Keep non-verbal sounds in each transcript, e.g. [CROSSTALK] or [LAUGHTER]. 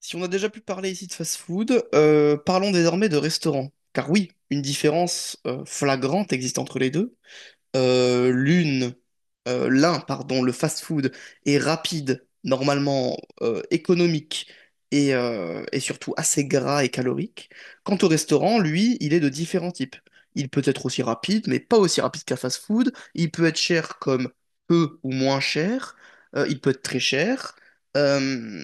Si on a déjà pu parler ici de fast-food, parlons désormais de restaurants. Car oui, une différence flagrante existe entre les deux l'une, l'un, pardon, le fast-food est rapide, normalement, économique et surtout assez gras et calorique. Quant au restaurant, lui, il est de différents types. Il peut être aussi rapide, mais pas aussi rapide qu'un fast-food. Il peut être cher comme peu ou moins cher. Il peut être très cher. Euh,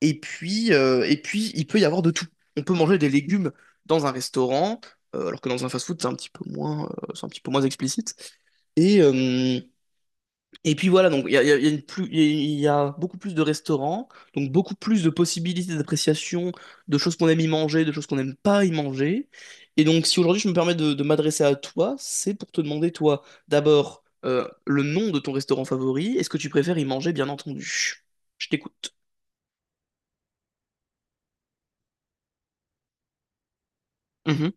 et puis, il peut y avoir de tout. On peut manger des légumes dans un restaurant, alors que dans un fast-food, c'est un petit peu moins explicite. Et, euh, et puis voilà, donc il y a une plus, il y a beaucoup plus de restaurants, donc beaucoup plus de possibilités d'appréciation de choses qu'on aime y manger, de choses qu'on n'aime pas y manger. Et donc si aujourd'hui je me permets de m'adresser à toi, c'est pour te demander, toi, d'abord, le nom de ton restaurant favori et ce que tu préfères y manger, bien entendu. Je t'écoute. Mhm.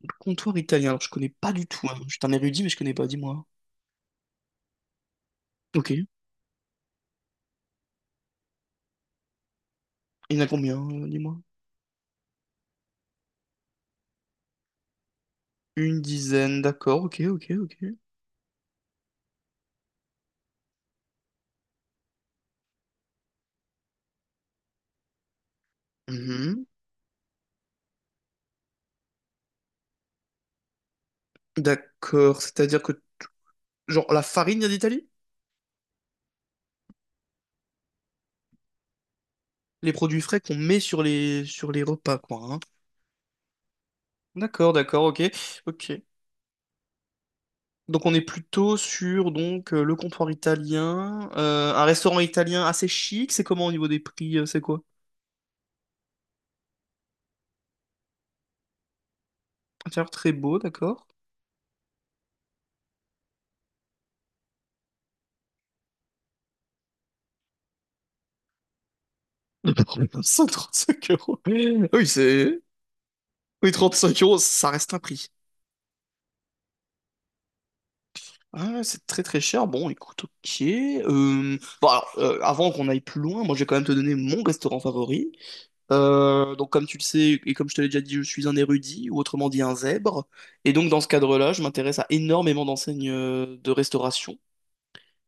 Le comptoir italien, alors je connais pas du tout, hein. Je suis un érudit, mais je connais pas, dis-moi. Ok. Il y en a combien, dis-moi? Une dizaine, d'accord, ok, ok, ok. Mhm. D'accord, c'est-à-dire que, genre, la farine vient d'Italie? Les produits frais qu'on met sur les repas, quoi, hein. D'accord, d'accord, ok, ok. Donc on est plutôt sur donc le comptoir italien, un restaurant italien assez chic. C'est comment au niveau des prix? C'est quoi? Intérieur très beau, d'accord. [LAUGHS] 135 euros. Oui, c'est. Oui, 35 euros, ça reste un prix. Ah, c'est très très cher. Bon, écoute, ok. Bon, alors, avant qu'on aille plus loin, moi je vais quand même te donner mon restaurant favori. Donc, comme tu le sais, et comme je te l'ai déjà dit, je suis un érudit, ou autrement dit un zèbre. Et donc, dans ce cadre-là, je m'intéresse à énormément d'enseignes de restauration.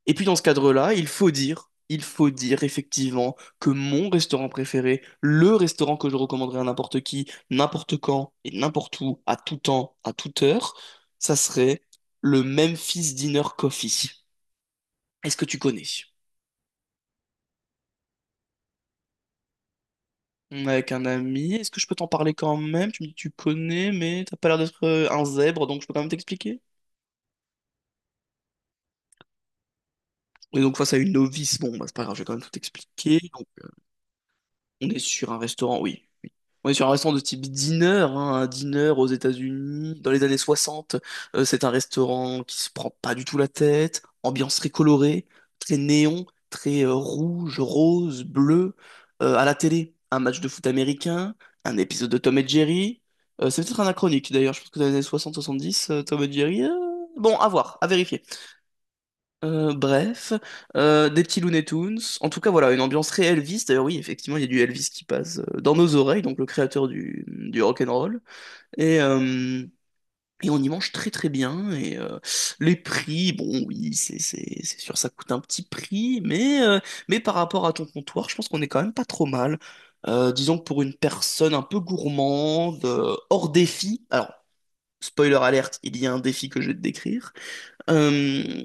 Et puis, dans ce cadre-là, il faut dire effectivement que mon restaurant préféré, le restaurant que je recommanderais à n'importe qui, n'importe quand et n'importe où, à tout temps, à toute heure, ça serait le Memphis Dinner Coffee. Est-ce que tu connais? On est avec un ami. Est-ce que je peux t'en parler quand même? Tu me dis que tu connais, mais t'as pas l'air d'être un zèbre, donc je peux quand même t'expliquer. Et donc face à une novice, bon, bah, c'est pas grave, je vais quand même tout t'expliquer. Donc, on est sur un restaurant, oui. On est sur un restaurant de type diner, hein, un diner aux États-Unis, dans les années 60. C'est un restaurant qui se prend pas du tout la tête, ambiance très colorée, très néon, très rouge, rose, bleu. À la télé, un match de foot américain, un épisode de Tom et Jerry. C'est peut-être anachronique d'ailleurs, je pense que dans les années 60-70, Tom et Jerry. Bon, à voir, à vérifier. Bref, des petits Looney Tunes. En tout cas, voilà, une ambiance très Elvis. D'ailleurs, oui, effectivement, il y a du Elvis qui passe dans nos oreilles, donc le créateur du rock'n'roll. Et, euh, et on y mange très très bien. Les prix, bon, oui, c'est sûr, ça coûte un petit prix, mais par rapport à ton comptoir, je pense qu'on est quand même pas trop mal. Disons que pour une personne un peu gourmande, hors défi, alors, spoiler alerte, il y a un défi que je vais te décrire. Euh,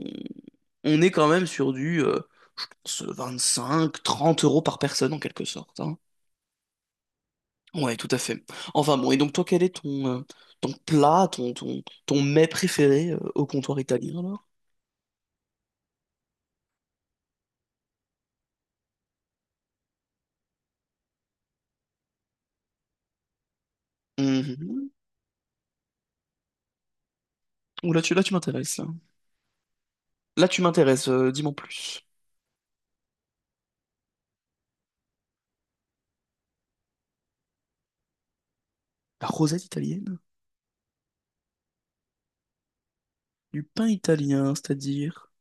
on est quand même sur du, je pense, 25, 30 euros par personne en quelque sorte, hein. Ouais, tout à fait. Enfin bon, et donc toi, quel est ton plat, ton mets préféré au comptoir italien alors? Mhm. Ouh, là, tu m'intéresses. Là, tu m'intéresses, dis-moi en plus. La rosette italienne? Du pain italien, c'est-à-dire?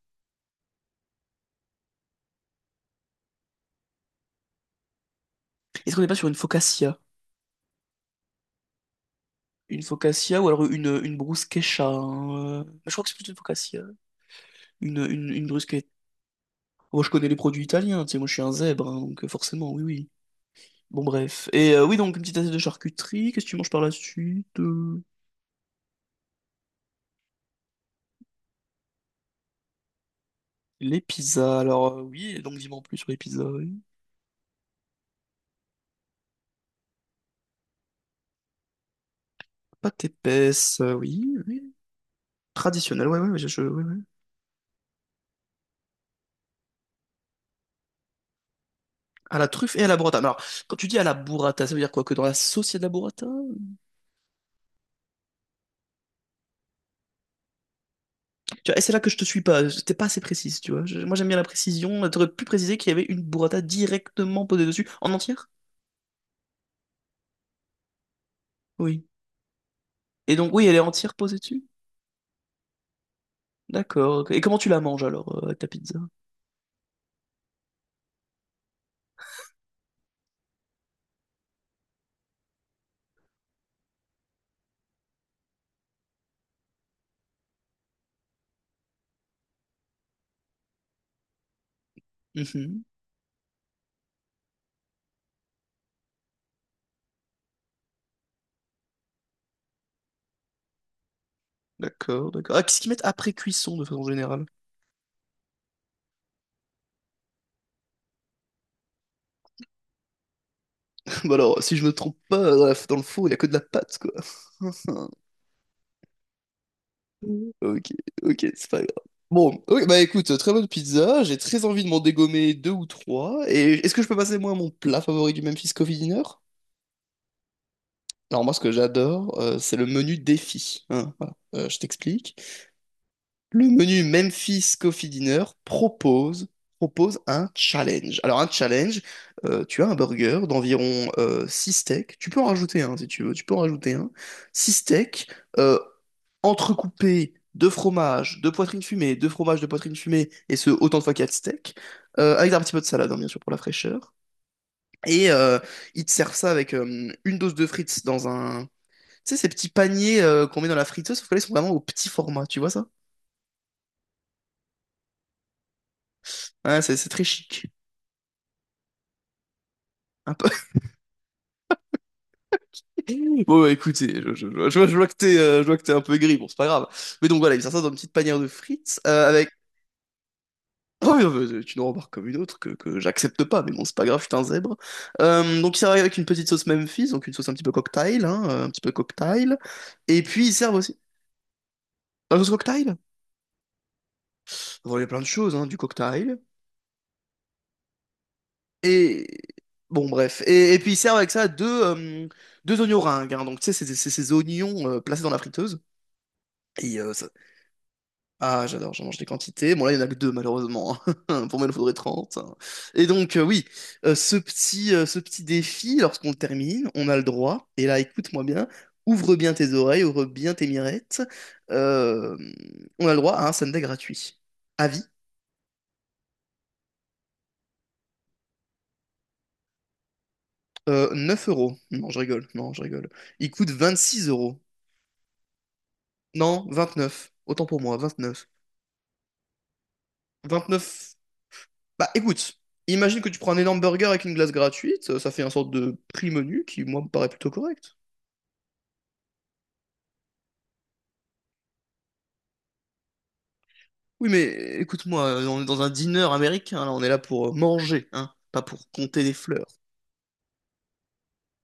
Est-ce qu'on n'est pas sur une focaccia? Une focaccia ou alors une bruschetta, hein? Je crois que c'est plutôt une focaccia. Une bruschetta. Moi, je connais les produits italiens, tu sais, moi, je suis un zèbre, hein, donc forcément, oui, oui. Bon, bref. Et oui, donc, une petite assiette de charcuterie. Qu'est-ce que tu manges par la suite? Les pizzas. Alors, oui, donc, dis-moi en plus sur les pizzas, oui. Pâte épaisse, oui, oui. Traditionnelle, ouais, ouais, ouais, ouais, ouais. À la truffe et à la burrata. Mais alors, quand tu dis à la burrata, ça veut dire quoi? Que dans la sauce, il y a de la burrata? Tu vois, et c'est là que je te suis pas. T'es pas assez précise, tu vois. Moi, j'aime bien la précision. T'aurais pu préciser qu'il y avait une burrata directement posée dessus, en entière? Oui. Et donc, oui, elle est entière posée dessus? D'accord, ok. Et comment tu la manges alors, avec ta pizza? Mhm. D'accord, d'accord. Ah, qu'est-ce qu'ils mettent après cuisson de façon générale? [LAUGHS] Bah alors, si je me trompe pas, dans le four, il y a que de la pâte, quoi. [LAUGHS] Ok, ok, c'est pas grave. Bon, ok, bah écoute, très bonne pizza, j'ai très envie de m'en dégommer deux ou trois, et est-ce que je peux passer moi à mon plat favori du Memphis Coffee Dinner? Alors moi ce que j'adore, c'est le menu défi, hein, voilà. Je t'explique. Le menu Memphis Coffee Dinner propose, propose un challenge. Alors, un challenge, tu as un burger d'environ 6 steaks. Tu peux en rajouter un si tu veux, tu peux en rajouter un. Six steaks euh, entrecoupés de fromage, de poitrine fumée, de fromage de poitrine fumée, et ce autant de fois qu'il y a de steaks, avec un petit peu de salade, hein, bien sûr, pour la fraîcheur. Et euh, Ils te servent ça avec une dose de frites dans un. Tu sais, ces petits paniers qu'on met dans la friteuse, sauf que là, ils sont vraiment au petit format, tu vois ça? Ouais, c'est très chic. Un peu, bon, bah, écoutez, je vois, je vois que t'es, je vois que t'es un peu aigri, bon, c'est pas grave. Mais donc voilà, il sert ça dans une petite panière de frites avec. [CLEARS THROAT] Oh, non, mais, c'est une remarque comme une autre que j'accepte pas, mais bon, c'est pas grave, je suis un zèbre. Donc, ils servent avec une petite sauce Memphis, donc une sauce un petit peu cocktail, hein, un petit peu cocktail. Et puis, ils servent aussi. La sauce cocktail? Bon, il y a plein de choses, hein, du cocktail. Et. Bon, bref. Et puis, ils servent avec ça deux oignons ringues, hein. Donc tu sais, c'est ces oignons placés dans la friteuse. Et euh, ça, Ah, j'adore, j'en mange des quantités. Bon, là, il n'y en a que deux, malheureusement. [LAUGHS] Pour moi, il en faudrait 30. Et donc, euh, oui, Ce petit, ce petit défi, lorsqu'on le termine, on a le droit. Et là, écoute-moi bien, ouvre bien tes oreilles, ouvre bien tes mirettes. Euh, on a le droit à un sundae gratuit. Avis, 9 euros. Non, je rigole, non, je rigole. Il coûte 26 euros. Non, 29. Autant pour moi, 29. 29. Bah écoute, imagine que tu prends un énorme burger avec une glace gratuite, ça fait un sorte de prix menu qui, moi, me paraît plutôt correct. Oui, mais écoute-moi, on est dans un dîner américain, là, on est là pour manger, hein, pas pour compter des fleurs.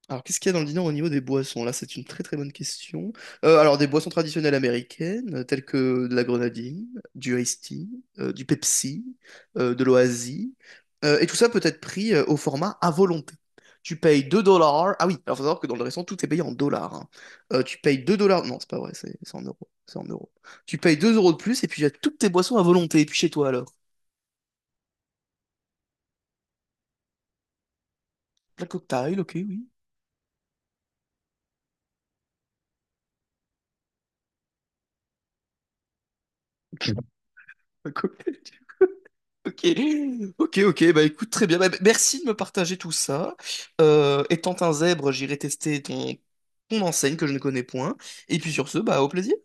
Alors, qu'est-ce qu'il y a dans le dîner au niveau des boissons? Là, c'est une très très bonne question. Alors, des boissons traditionnelles américaines, telles que de la grenadine, du iced tea, du Pepsi, de l'Oasis, et tout ça peut être pris au format à volonté. Tu payes 2 dollars. Ah oui, alors faut savoir que dans le restaurant, tout est payé en dollars, hein. Tu payes 2 dollars. Non, c'est pas vrai, c'est en euros. C'est en euros. Tu payes 2 euros de plus et puis tu as toutes tes boissons à volonté. Et puis chez toi alors? Un cocktail, ok, oui. [LAUGHS] Un cocktail. Ok, ok, ok, bah écoute, très bien. Bah, merci de me partager tout ça. Étant un zèbre, j'irai tester ton enseigne que je ne connais point. Et puis sur ce, bah au plaisir.